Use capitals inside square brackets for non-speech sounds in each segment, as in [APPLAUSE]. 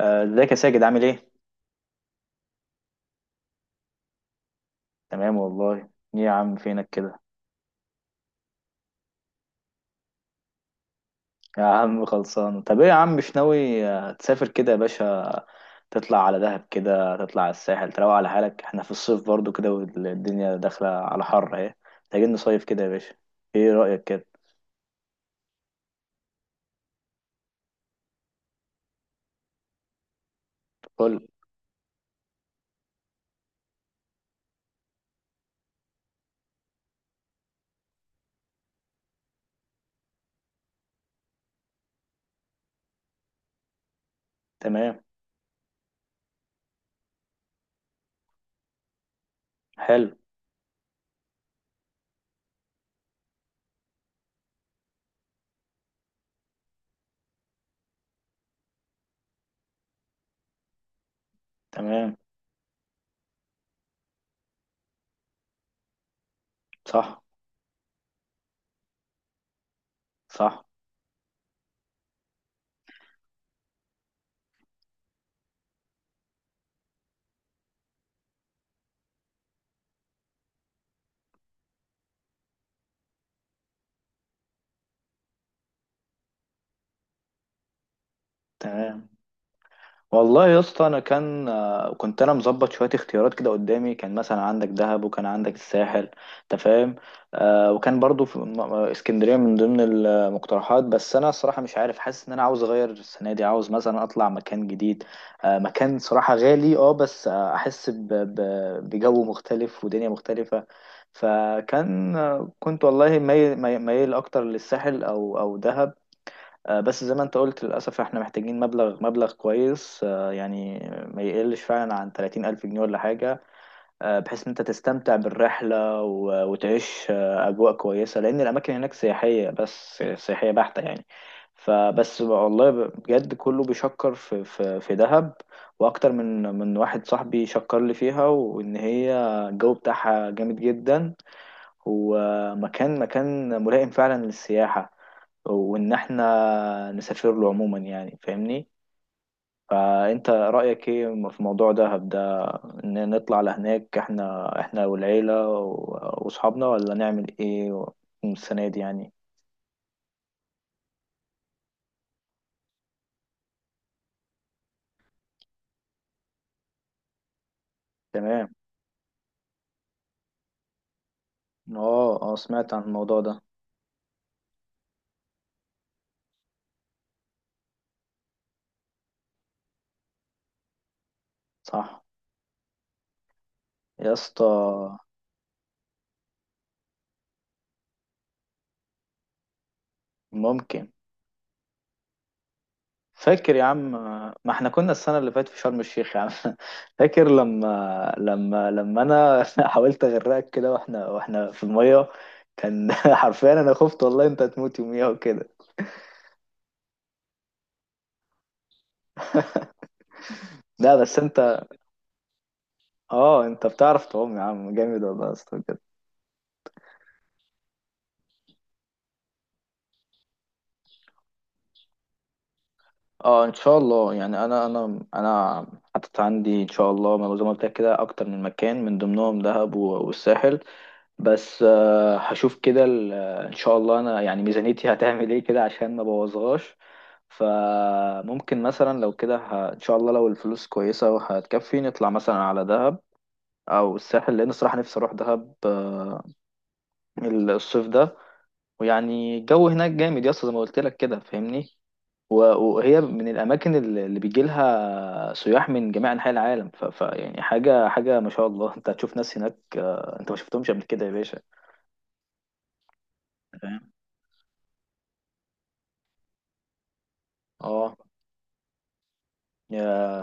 آه، ازيك يا ساجد؟ عامل ايه؟ تمام والله. ايه يا عم، فينك كده؟ يا عم خلصان. طب ايه يا عم، مش ناوي تسافر كده يا باشا؟ تطلع على دهب كده، تطلع على الساحل، تروق على حالك. احنا في الصيف برضو كده، والدنيا داخلة على حر اهي. محتاجين نصيف كده يا باشا. ايه رأيك كده؟ قول. تمام. حلو. تمام. صح. صح. تمام. والله يا اسطى انا كان آه، كنت انا مظبط شويه اختيارات كده قدامي. كان مثلا عندك دهب وكان عندك الساحل، انت فاهم. وكان برضو في اسكندريه من ضمن المقترحات، بس انا الصراحه مش عارف، حاسس ان انا عاوز اغير السنه دي، عاوز مثلا اطلع مكان جديد. مكان صراحه غالي، بس احس بجو مختلف ودنيا مختلفه. فكان كنت والله مايل مايل مايل اكتر للساحل او دهب. بس زي ما انت قلت، للأسف احنا محتاجين مبلغ مبلغ كويس، يعني ما يقلش فعلا عن 30 ألف جنيه ولا حاجة، بحيث ان انت تستمتع بالرحلة وتعيش أجواء كويسة، لأن الأماكن هناك سياحية، بس سياحية بحتة يعني. فبس والله بجد كله بيشكر في دهب، وأكتر من واحد صاحبي شكر لي فيها، وإن هي الجو بتاعها جامد جدا. هو مكان مكان ملائم فعلا للسياحة، وإن إحنا نسافر له عموما يعني، فاهمني؟ فأنت رأيك إيه في موضوع دهب ده؟ إن نطلع لهناك إحنا والعيلة وأصحابنا، ولا نعمل إيه السنة دي يعني؟ تمام. آه آه، سمعت عن الموضوع ده. صح. يا اسطى. ممكن. فاكر يا عم، ما احنا كنا السنة اللي فاتت في شرم الشيخ يا عم [LAUGHS] فاكر لما انا [LAUGHS] حاولت اغرقك كده، واحنا في المية، كان [LAUGHS] حرفيا انا خفت والله انت هتموت يوميها وكده. [LAUGHS] لا بس انت، اه انت بتعرف تعوم يا عم، جامد والله يا اسطى بجد. اه ان شاء الله، يعني انا حاطط عندي ان شاء الله، ما زي ما قلت لك كده، اكتر من مكان من ضمنهم دهب والساحل، بس هشوف كده ان شاء الله، انا يعني ميزانيتي هتعمل ايه كده عشان ما بوظهاش. فممكن مثلا لو كده ان شاء الله لو الفلوس كويسة وهتكفي، نطلع مثلا على دهب او الساحل، لان الصراحة نفسي اروح دهب الصيف ده. ويعني الجو هناك جامد يا اسطى زي ما قلت لك كده، فاهمني؟ و- وهي من الاماكن اللي بيجي لها سياح من جميع انحاء العالم، ف... ف يعني حاجة حاجة ما شاء الله. انت هتشوف ناس هناك انت ما شفتهمش قبل كده يا باشا، فاهم؟ اه، يا،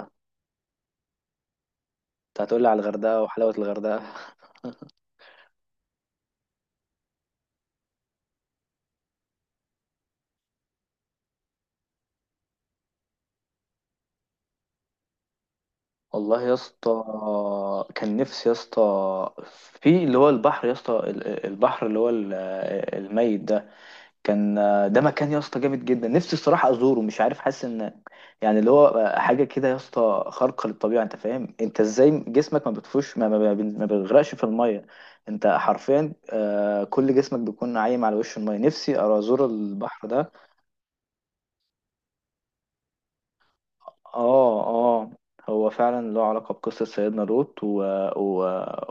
انت هتقولي على الغردقة وحلاوة الغردقة. والله يا اسطى، كان نفسي يا اسطى في اللي هو البحر يا اسطى، البحر اللي هو الميت ده. كان ده مكان يا اسطى جامد جدا، نفسي الصراحة ازوره، مش عارف، حاسس ان يعني اللي هو حاجة كده يا اسطى خارقة للطبيعة. انت فاهم انت ازاي جسمك ما بتفوش ما بيغرقش في المية، انت حرفيا كل جسمك بيكون عايم على وش المية. نفسي ازور البحر ده. اه اه، هو فعلا له علاقة بقصة سيدنا لوط و...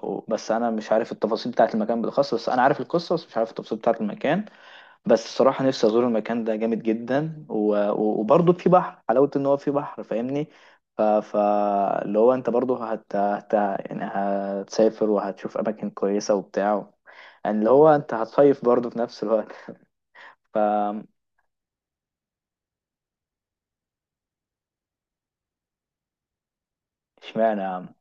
بس أنا مش عارف التفاصيل بتاعة المكان بالأخص، بس أنا عارف القصة، بس مش عارف التفاصيل بتاعة المكان. بس الصراحة نفسي أزور المكان ده جامد جدا، وبرضه في بحر، حلاوة إن هو في بحر، فاهمني؟ ف... ف... اللي هو أنت برضه يعني هتسافر وهتشوف أماكن كويسة وبتاع، يعني اللي هو أنت هتصيف برضه في نفس الوقت. ف اشمعنى يا عم؟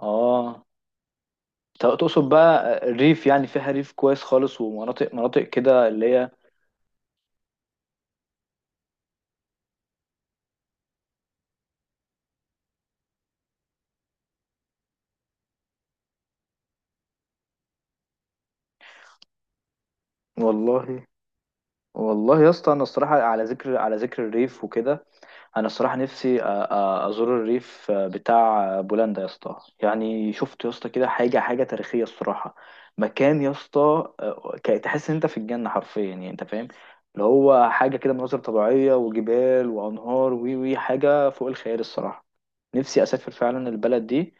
اه، تقصد بقى الريف، يعني فيها ريف كويس خالص ومناطق مناطق كده اللي هي. والله. والله يا اسطى انا الصراحه، على ذكر الريف وكده، انا الصراحه نفسي ازور الريف بتاع بولندا يا اسطى. يعني شفت يا اسطى كده حاجه حاجه تاريخيه الصراحه، مكان يا اسطى، تحس ان انت في الجنه حرفيا، يعني انت فاهم اللي هو حاجه كده، مناظر طبيعيه وجبال وانهار وي وي حاجه فوق الخيال الصراحه. نفسي اسافر فعلا البلد دي.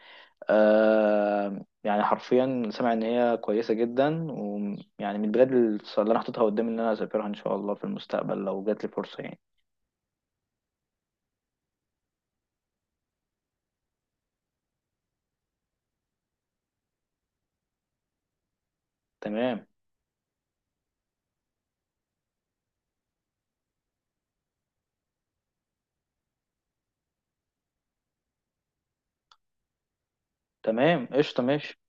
يعني حرفيا سامع ان هي كويسه جدا، ويعني من البلاد اللي انا حاططها قدامي ان انا اسافرها ان شاء الله في المستقبل لو جات لي فرصه يعني. تمام. تمام قشطة ماشي.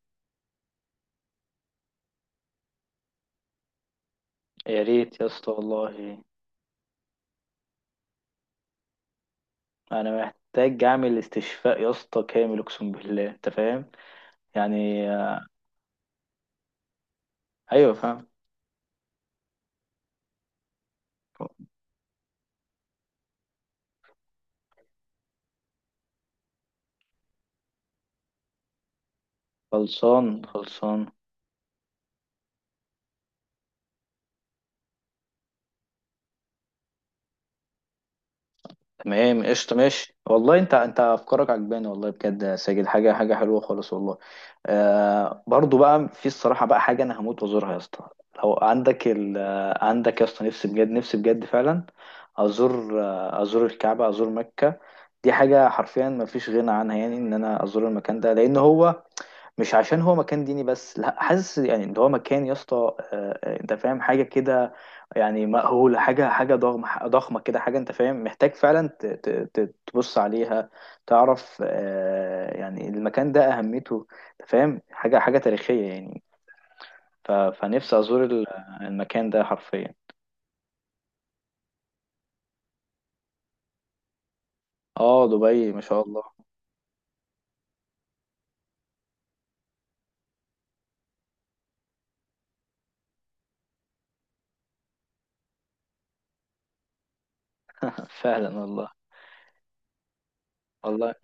يا ريت يا اسطى والله. انا محتاج اعمل استشفاء يا اسطى كامل، اقسم بالله انت فاهم، يعني ايوه فاهم. خلصان خلصان. تمام قشطة ماشي والله، انت افكارك عجباني والله، بجد يا ساجد حاجة حاجة حلوة خالص والله. آه برضو بقى، في الصراحة بقى حاجة انا هموت وازورها يا اسطى، لو عندك ال آه، عندك يا اسطى. نفسي بجد، فعلا ازور، ازور الكعبة، ازور مكة. دي حاجة حرفيا ما فيش غنى عنها، يعني ان انا ازور المكان ده، لان هو مش عشان هو مكان ديني بس، لا، حاسس يعني ان هو مكان يا اسطى انت فاهم حاجه كده. يعني مأهوله، حاجه حاجه ضخمه ضخمه كده، حاجه انت فاهم محتاج فعلا تبص عليها، تعرف يعني المكان ده اهميته، انت فاهم حاجه حاجه تاريخيه يعني. فنفسي ازور المكان ده حرفيا. اه دبي ما شاء الله. [LAUGHS] فعلا والله. والله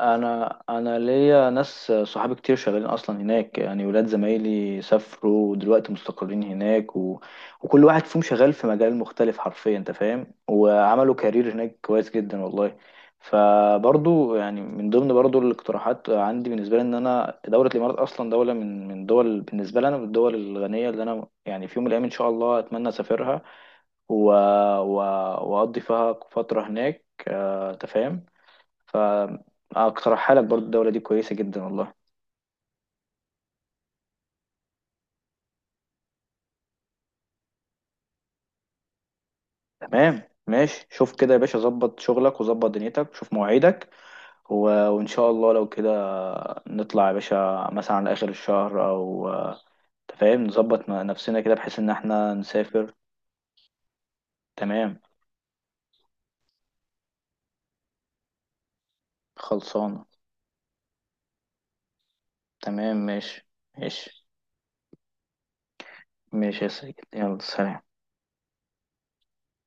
انا ليا ناس صحابي كتير شغالين اصلا هناك، يعني ولاد زمايلي سافروا ودلوقتي مستقرين هناك، وكل واحد فيهم شغال في مجال مختلف حرفيا، انت فاهم، وعملوا كارير هناك كويس جدا والله. فبرضو يعني من ضمن برضو الاقتراحات عندي، بالنسبه لي ان انا دوله الامارات اصلا دوله من دول، بالنسبه لي انا من الدول الغنيه اللي انا يعني في يوم من الايام ان شاء الله اتمنى اسافرها، و... و... واقضي فيها فتره هناك، انت فاهم. فاقترحها لك، برضو الدولة دي كويسة جدا والله. تمام ماشي. شوف كده يا باشا، ظبط شغلك وظبط دنيتك، شوف مواعيدك، و... وان شاء الله لو كده، نطلع يا باشا مثلا على اخر الشهر، او، أنت فاهم، نظبط نفسنا كده بحيث ان احنا نسافر. تمام. خلصانة. تمام ماشي. ماشي. ماشي يا سيد، يلا سلام.